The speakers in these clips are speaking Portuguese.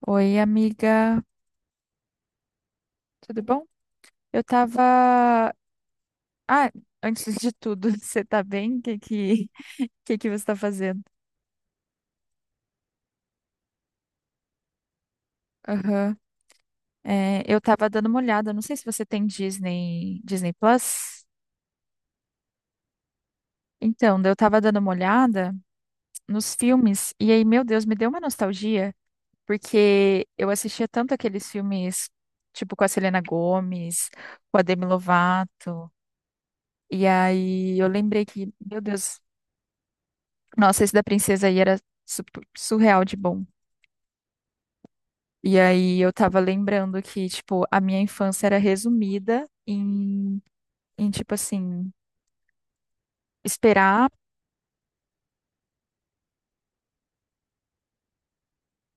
Oi, amiga, tudo bom? Eu tava. Ah, antes de tudo, você tá bem? Que você tá fazendo? Aham. É, eu tava dando uma olhada, não sei se você tem Disney, Disney Plus. Então, daí eu tava dando uma olhada nos filmes, e aí, meu Deus, me deu uma nostalgia, porque eu assistia tanto aqueles filmes, tipo, com a Selena Gomez, com a Demi Lovato, e aí eu lembrei que, meu Deus. Nossa, esse da princesa aí era su- surreal de bom. E aí eu tava lembrando que, tipo, a minha infância era resumida em tipo assim, esperar.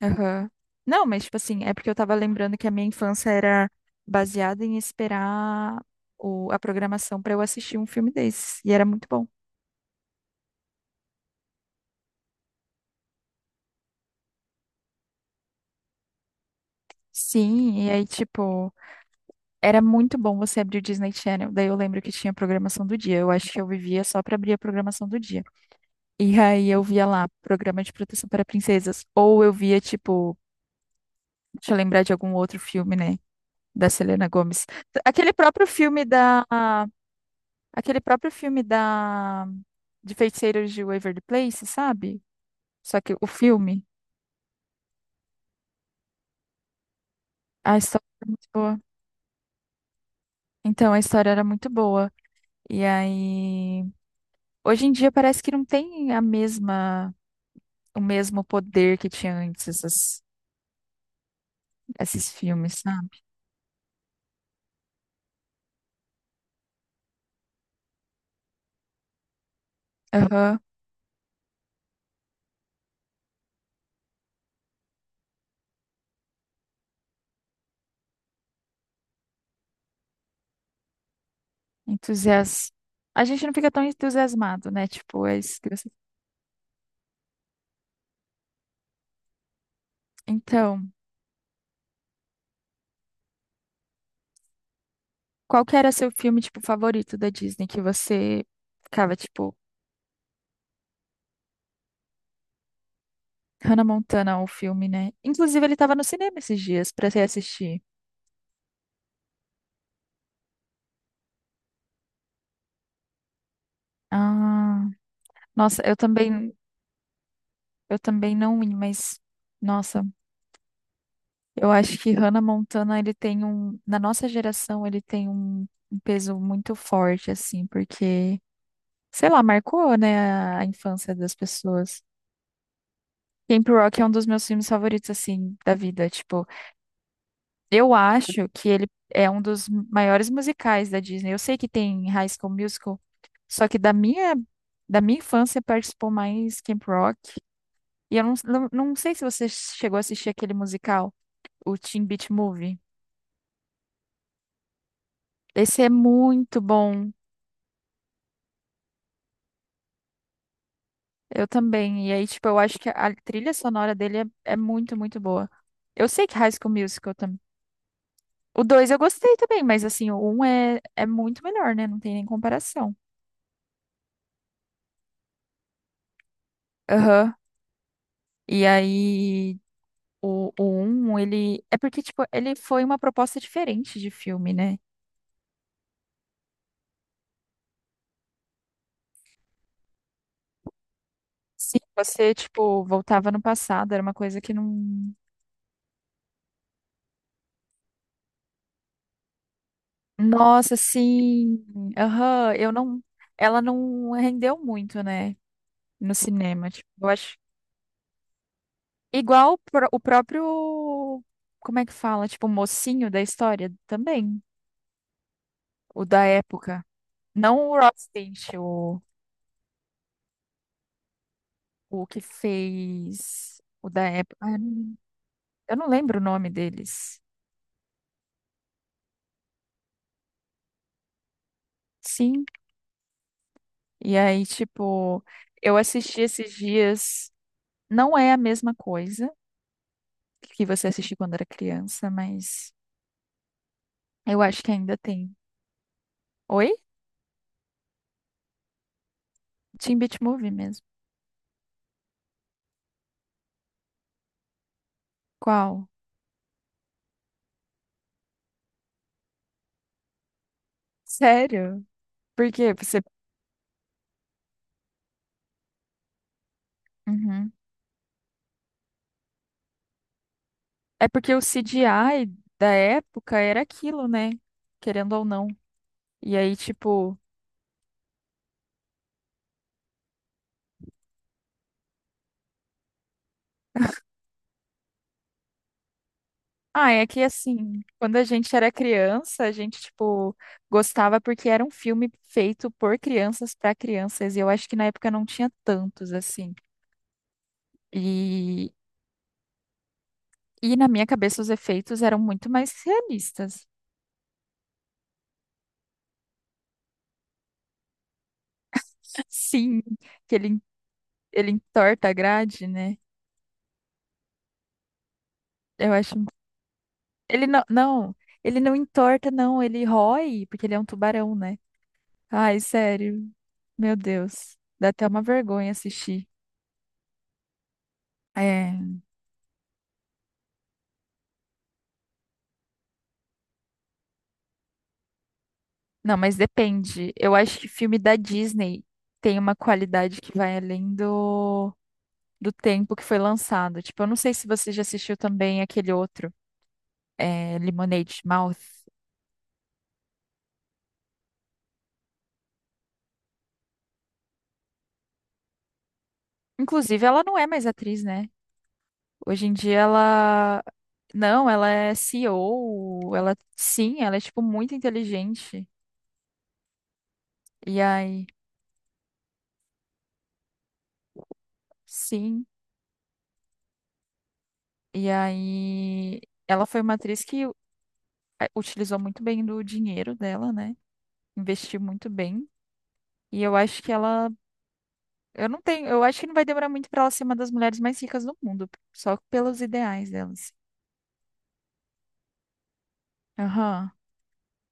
Aham. Não, mas, tipo assim, é porque eu tava lembrando que a minha infância era baseada em esperar a programação pra eu assistir um filme desse. E era muito bom. Sim, e aí, tipo, era muito bom você abrir o Disney Channel. Daí eu lembro que tinha a programação do dia. Eu acho que eu vivia só pra abrir a programação do dia. E aí eu via lá, Programa de Proteção para Princesas. Ou eu via, tipo, deixa eu lembrar de algum outro filme, né? Da Selena Gomez. Aquele próprio filme da. Aquele próprio filme da. De Feiticeiros de Waverly Place, sabe? Só que o filme, a história era muito boa. Então, a história era muito boa. E aí. Hoje em dia parece que não tem a mesma. O mesmo poder que tinha antes esses filmes, sabe? Aham. Entusias... A gente não fica tão entusiasmado, né? Tipo, é isso que você... Então, qual que era seu filme, tipo, favorito da Disney que você ficava, tipo, Hannah Montana, o filme, né? Inclusive, ele tava no cinema esses dias pra você assistir. Ah, nossa, eu também não ia, mas, nossa, eu acho que Hannah Montana, ele tem um, na nossa geração, ele tem um peso muito forte, assim, porque, sei lá, marcou, né, a infância das pessoas. Camp Rock é um dos meus filmes favoritos, assim, da vida. Tipo, eu acho que ele é um dos maiores musicais da Disney. Eu sei que tem High School Musical, só que da minha, infância participou mais Camp Rock. E eu não sei se você chegou a assistir aquele musical, o Teen Beach Movie. Esse é muito bom. Eu também. E aí, tipo, eu acho que a trilha sonora dele é muito, muito boa. Eu sei que High School Musical também. O dois eu gostei também, mas assim, o um é muito melhor, né? Não tem nem comparação. Aham. E aí, o um, ele. É porque, tipo, ele foi uma proposta diferente de filme, né? Sim, você, tipo, voltava no passado, era uma coisa que não. Nossa, sim. Aham, eu não. Ela não rendeu muito, né? No cinema. Tipo, eu acho. Igual o próprio. Como é que fala? Tipo, o mocinho da história também. O da época. Não o Rod Stint, o, que fez o da época. Ah, eu não lembro o nome deles. Sim. E aí, tipo, eu assisti esses dias. Não é a mesma coisa que você assistiu quando era criança, mas eu acho que ainda tem. Oi? Teen Beach Movie mesmo. Qual? Sério? Por quê? Você... Uhum. É porque o CGI da época era aquilo, né? Querendo ou não. E aí, tipo. Ah, é que assim, quando a gente era criança, a gente, tipo, gostava porque era um filme feito por crianças para crianças, e eu acho que na época não tinha tantos, assim. E, e na minha cabeça os efeitos eram muito mais realistas. Sim, que ele, entorta a grade, né? Eu acho. Ele não entorta, não, ele rói, porque ele é um tubarão, né? Ai, sério, meu Deus, dá até uma vergonha assistir. É. Não, mas depende. Eu acho que filme da Disney tem uma qualidade que vai além do tempo que foi lançado. Tipo, eu não sei se você já assistiu também aquele outro, Lemonade Mouth. Inclusive, ela não é mais atriz, né? Hoje em dia ela. Não, ela é CEO. Ela. Sim, ela é, tipo, muito inteligente. E aí. Sim. E aí. Ela foi uma atriz que utilizou muito bem do dinheiro dela, né? Investiu muito bem. E Eu não tenho, eu acho que não vai demorar muito pra ela ser uma das mulheres mais ricas do mundo, só pelos ideais delas. Aham.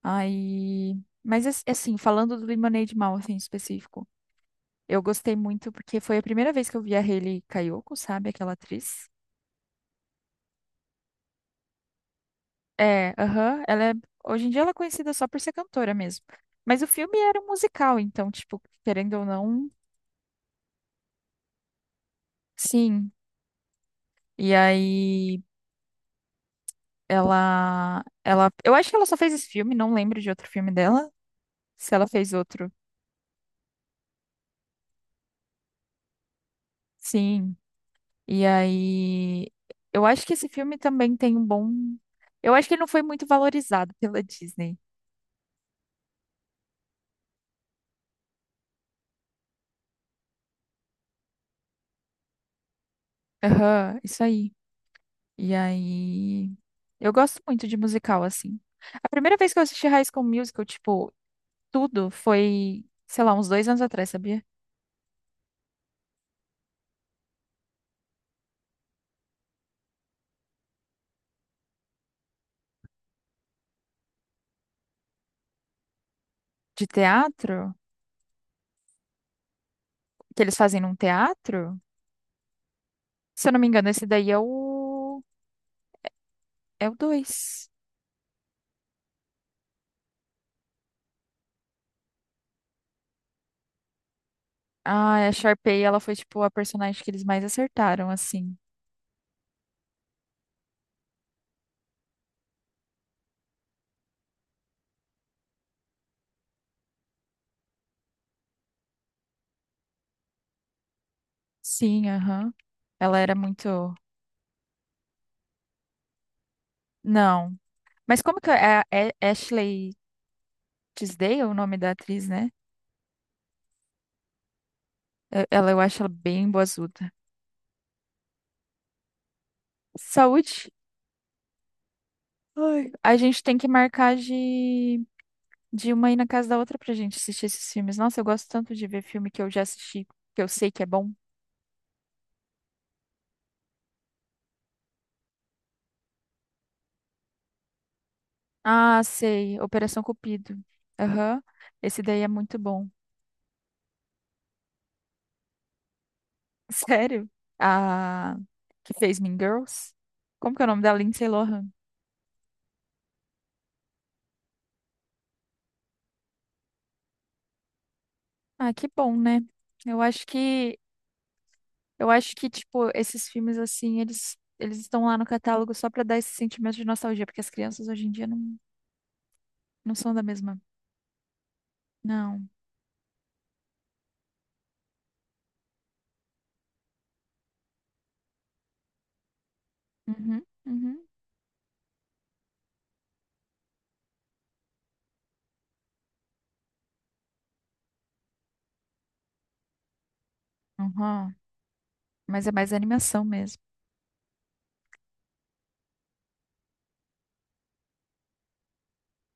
Aí, mas assim, falando do Lemonade Mouth assim, em específico, eu gostei muito porque foi a primeira vez que eu vi a Hayley Kiyoko, sabe, aquela atriz? É, aham, hoje em dia ela é conhecida só por ser cantora mesmo. Mas o filme era um musical, então, tipo, querendo ou não, sim. E aí ela, eu acho que ela só fez esse filme, não lembro de outro filme dela. Se ela fez outro. Sim, e aí eu acho que esse filme também tem um bom. Eu acho que ele não foi muito valorizado pela Disney. Aham, isso aí. E aí. Eu gosto muito de musical, assim. A primeira vez que eu assisti High School Musical, tipo, tudo foi, sei lá, uns dois anos atrás, sabia? De teatro, que eles fazem num teatro. Se eu não me engano, esse daí é o. É o dois. Ah, a Sharpay, ela foi, tipo, a personagem que eles mais acertaram, assim. Sim, aham. Ela era muito. Não. Mas como que é Ashley Tisdale, o nome da atriz, né? Ela, eu acho ela bem boazuda. Saúde. Ai, a gente tem que marcar de, uma ir na casa da outra pra gente assistir esses filmes. Nossa, eu gosto tanto de ver filme que eu já assisti, que eu sei que é bom. Ah, sei. Operação Cupido. Aham. Esse daí é muito bom. Sério? A que fez Mean Girls? Como que é o nome da Lindsay Lohan? Ah, que bom, né? Eu acho que eu acho que tipo esses filmes assim, eles estão lá no catálogo só pra dar esse sentimento de nostalgia, porque as crianças hoje em dia não são da mesma. Não. Uhum, uhum, uhum. Mas é mais animação mesmo.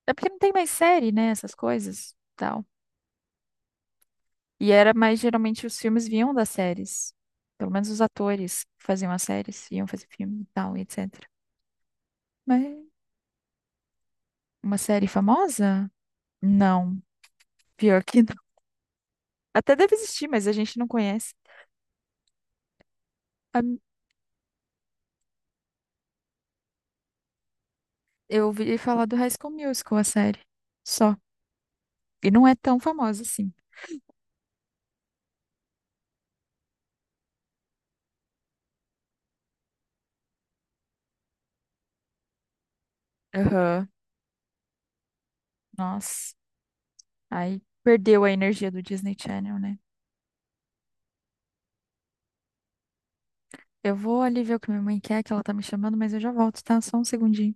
É porque não tem mais série, né, essas coisas, tal. E era mais geralmente os filmes vinham das séries. Pelo menos os atores que faziam as séries, iam fazer filme e tal, e etc. Mas uma série famosa? Não, pior que não. Até deve existir, mas a gente não conhece. A- Eu ouvi falar do High School Musical, a série. Só. E não é tão famosa assim. Aham. Nossa. Aí perdeu a energia do Disney Channel, né? Eu vou ali ver o que minha mãe quer, que ela tá me chamando, mas eu já volto, tá? Só um segundinho.